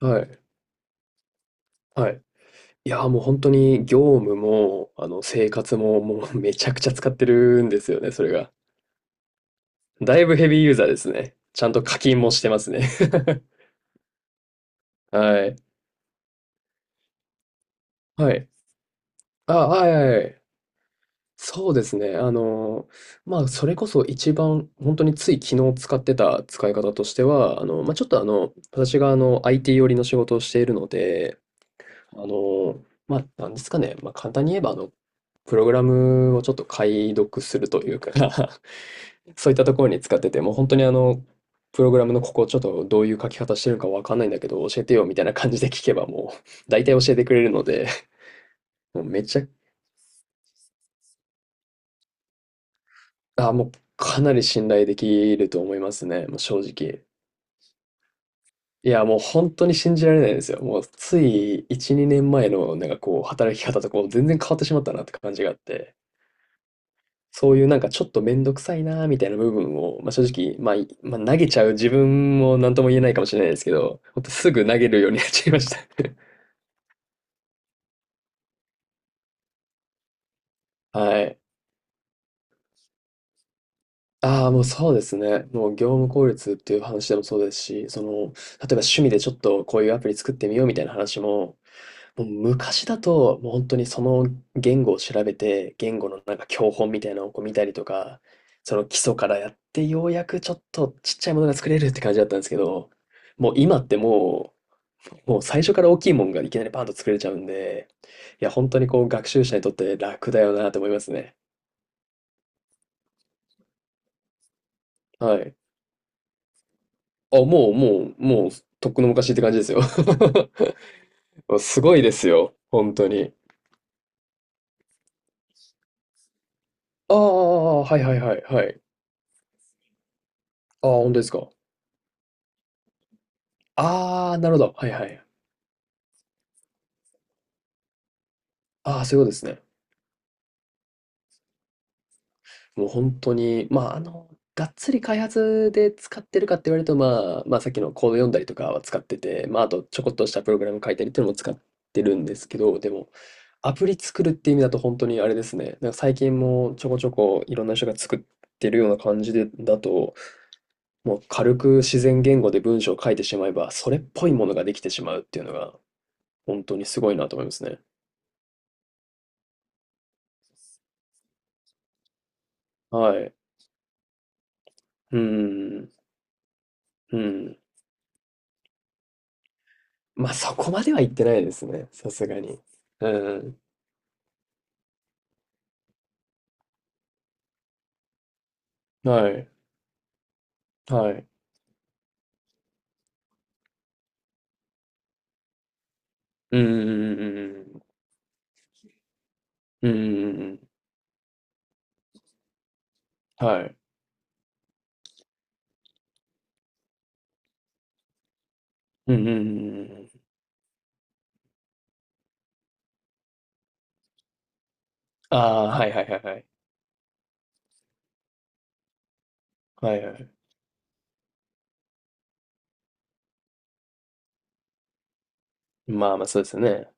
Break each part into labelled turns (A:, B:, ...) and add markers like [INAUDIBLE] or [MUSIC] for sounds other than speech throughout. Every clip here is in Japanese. A: はい、はい。いや、もう本当に業務も、生活も、もう [LAUGHS] めちゃくちゃ使ってるんですよね、それが。だいぶヘビーユーザーですね。ちゃんと課金もしてますね。[LAUGHS] はい。はい。あ、はいはいはい。そうですね。それこそ一番本当につい昨日使ってた使い方としては、あの、まあ、ちょっと、あの、私が、IT 寄りの仕事をしているので、あの、なんですかね、簡単に言えば、プログラムをちょっと解読するというか [LAUGHS] そういったところに使ってて、もう本当にプログラムのここちょっとどういう書き方してるのかわかんないんだけど、教えてよみたいな感じで聞けばもう、[LAUGHS] 大体教えてくれるので、もうめちゃ、あ、もうかなり信頼できると思いますね、もう正直。いや、もう本当に信じられないですよ。もうつい1、2年前のなんかこう、働き方とこう、全然変わってしまったなって感じがあって、そういうなんかちょっとめんどくさいなみたいな部分を、正直、まあ、いまあ、投げちゃう自分も何とも言えないかもしれないですけど、ほんとすぐ投げるようになっちゃいました。はい。ああ、もうそうですね。もう業務効率っていう話でもそうですし、その、例えば趣味でちょっとこういうアプリ作ってみようみたいな話も、もう昔だと、もう本当にその言語を調べて、言語のなんか教本みたいなのをこう見たりとか、その基礎からやって、ようやくちょっとちっちゃいものが作れるって感じだったんですけど、もう今ってもう最初から大きいもんがいきなりパンと作れちゃうんで、いや、本当にこう学習者にとって楽だよなと思いますね。はい。あ、もう、とっくの昔って感じですよ。[LAUGHS] すごいですよ。本当に。あーあはいはいはいはい。ああ、本当ですか。ああ、なるほど。はいはい。ああ、そういうことですね。もう本当に、がっつり開発で使ってるかって言われると、さっきのコード読んだりとかは使ってて、まあ、あとちょこっとしたプログラム書いたりっていうのも使ってるんですけど、でも、アプリ作るって意味だと本当にあれですね。なんか最近もちょこちょこいろんな人が作ってるような感じで、だと、もう軽く自然言語で文章を書いてしまえば、それっぽいものができてしまうっていうのが、本当にすごいなと思いますね。はい。うんうん、まあそこまでは行ってないですね、さすがに。うんうん。はい。はい。うんうんうんうんうんうん。うんうんうんうん。はい。うんうんうんうんうん。ああ、はいはいはいはい。はいはい。まあまあ、そうですよね。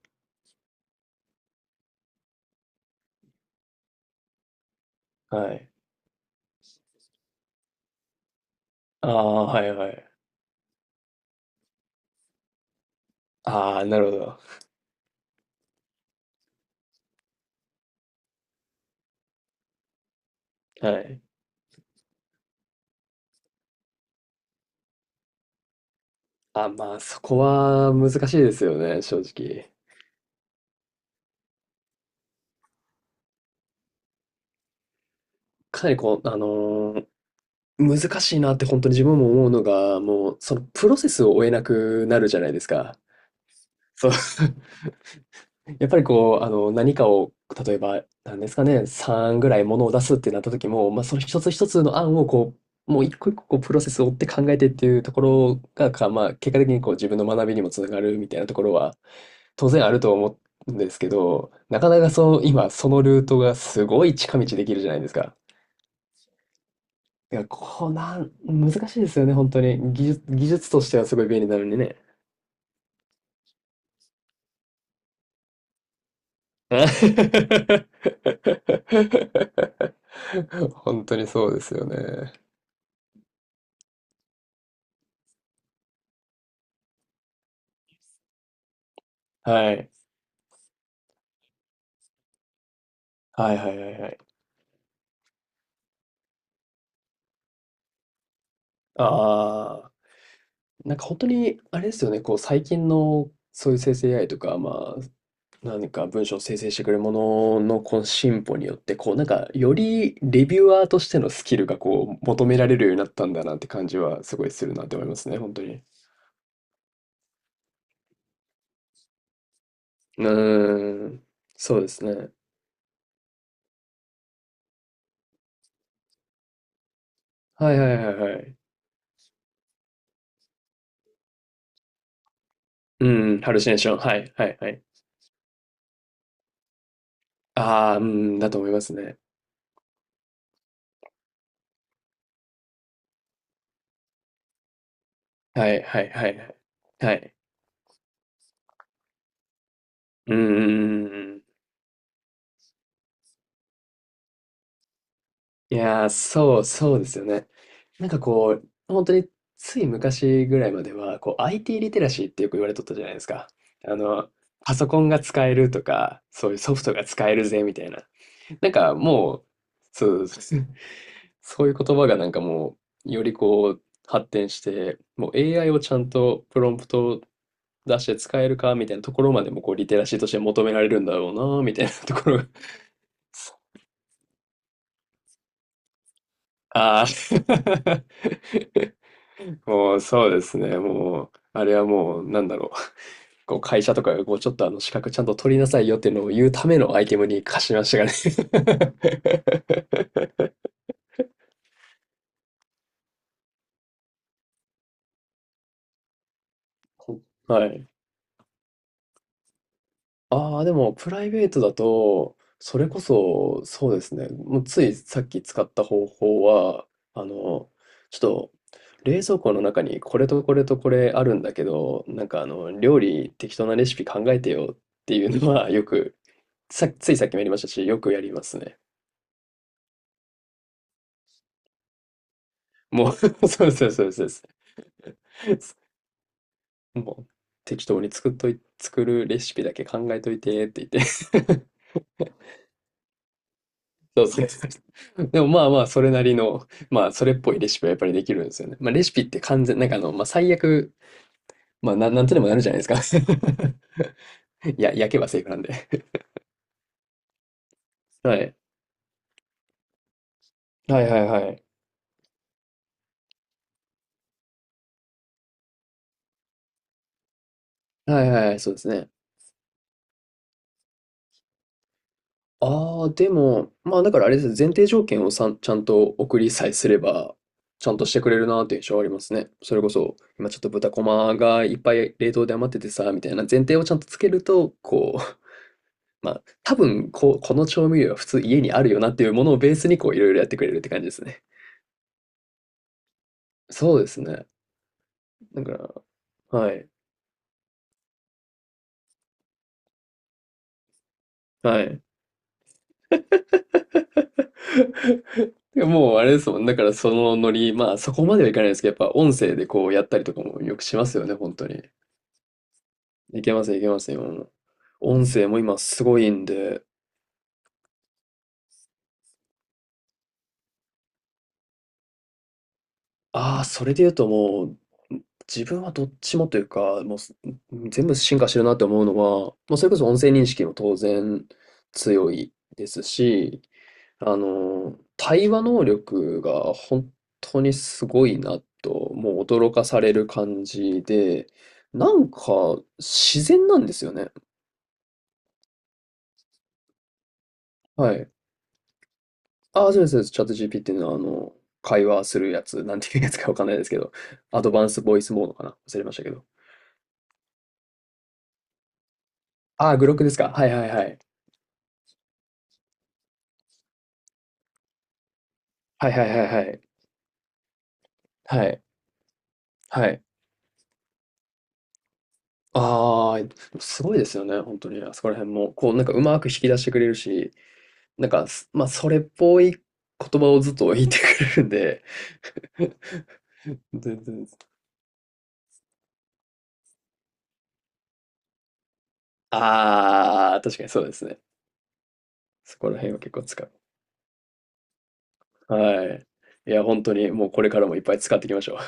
A: はい。ああ、はいはい。ああ、なるほど。はい。あ、そこは難しいですよね、正直。かなりこう、難しいなって本当に自分も思うのが、もう、そのプロセスを追えなくなるじゃないですか。そう、[LAUGHS] やっぱりこう、何かを、例えば、なんですかね、3ぐらいものを出すってなった時も、まあ、その一つ一つの案をこう、もう一個一個こうプロセスを追って考えてっていうところが、かまあ、結果的にこう自分の学びにもつながるみたいなところは、当然あると思うんですけど、なかなかそう、今そのルートがすごい近道できるじゃないですか。いや、こうなん、難しいですよね、本当に。技術としてはすごい便利なのにね。[LAUGHS] 本当にそうですよね。はい。はいはいはいはい。ああ、なんか本当に、あれですよね、こう最近のそういう生成 AI とか、まあ、何か文章を生成してくれるもののこの進歩によって、こうなんかよりレビュアーとしてのスキルがこう求められるようになったんだなって感じはすごいするなって思いますね、本当に。うーん。そうですね。はいはいはいはい。うん、ハルシネーション。はいはいはい。ああ、うん、だと思いますね。はいはいはいはい。はい。うんうんうんうん。いやー、そう、そうですよね。なんかこう、本当につい昔ぐらいまでは、こう IT リテラシーってよく言われとったじゃないですか。あの、パソコンが使えるとか、そういうソフトが使えるぜみたいな。なんかもう、そうそうそう、そういう言葉がなんかもう、よりこう、発展して、もう AI をちゃんとプロンプトを出して使えるかみたいなところまでもこう、リテラシーとして求められるんだろうな、みたいなところが。[LAUGHS] ああ。[LAUGHS] もうそうですね。もう、あれはもう、なんだろう。こう会社とかがこうちょっとあの資格ちゃんと取りなさいよっていうのを言うためのアイテムに化しましたがね。[LAUGHS] はい。ああ、でも、プライベートだと、それこそ、そうですね。もうついさっき使った方法は、あの、ちょっと、冷蔵庫の中にこれとこれとこれあるんだけど、なんか料理適当なレシピ考えてよっていうのは、よく、さ、ついさっきもやりましたし、よくやりますね。もう [LAUGHS] そうそうそうそうですもう、適当に作っとい、作るレシピだけ考えといてって言って、そうそうそう。[LAUGHS] でもまあまあ、それなりの、まあ、それっぽいレシピはやっぱりできるんですよね。まあ、レシピって完全、最悪、まあ、なんとでもなるじゃないですか。[LAUGHS] いや、焼けばセーフなんで。はい。はいはいはい。はいはい、そうですね。ああ、でも、まあ、だからあれですね、前提条件をちゃんと送りさえすれば、ちゃんとしてくれるなという印象はありますね。それこそ、今ちょっと豚こまがいっぱい冷凍で余っててさ、みたいな前提をちゃんとつけると、こう、まあ、多分こう、この調味料は普通家にあるよなっていうものをベースにこういろいろやってくれるって感じですね。そうですね。だから、はい、はい。[LAUGHS] でもうあれですもん、だからそのノリ、まあそこまではいかないですけど、やっぱ音声でこうやったりとかもよくしますよね、本当に。いけますいけます、今も。音声も今すごいんで。ああ、それで言うともう、自分はどっちもというか、もうす、ん全部進化してるなって思うのは、もうそれこそ音声認識も当然強いですし、対話能力が本当にすごいなと、もう驚かされる感じで、なんか自然なんですよね。はい。ああ、そうです、そうです。チャット GPT の会話するやつ、なんていうやつかわかんないですけど、アドバンスボイスモードかな、忘れましたけど。ああ、グロックですか。はいはいはい。はいはいはいはい。はい。はい。ああ、すごいですよね、本当に、あそこら辺も。こうなんかうまく引き出してくれるし、なんか、すまあ、それっぽい言葉をずっと言ってくれるんで、[LAUGHS] 全然。ああ、確かにそうですね。そこら辺は結構使う。はい。いや、本当にもうこれからもいっぱい使っていきましょう。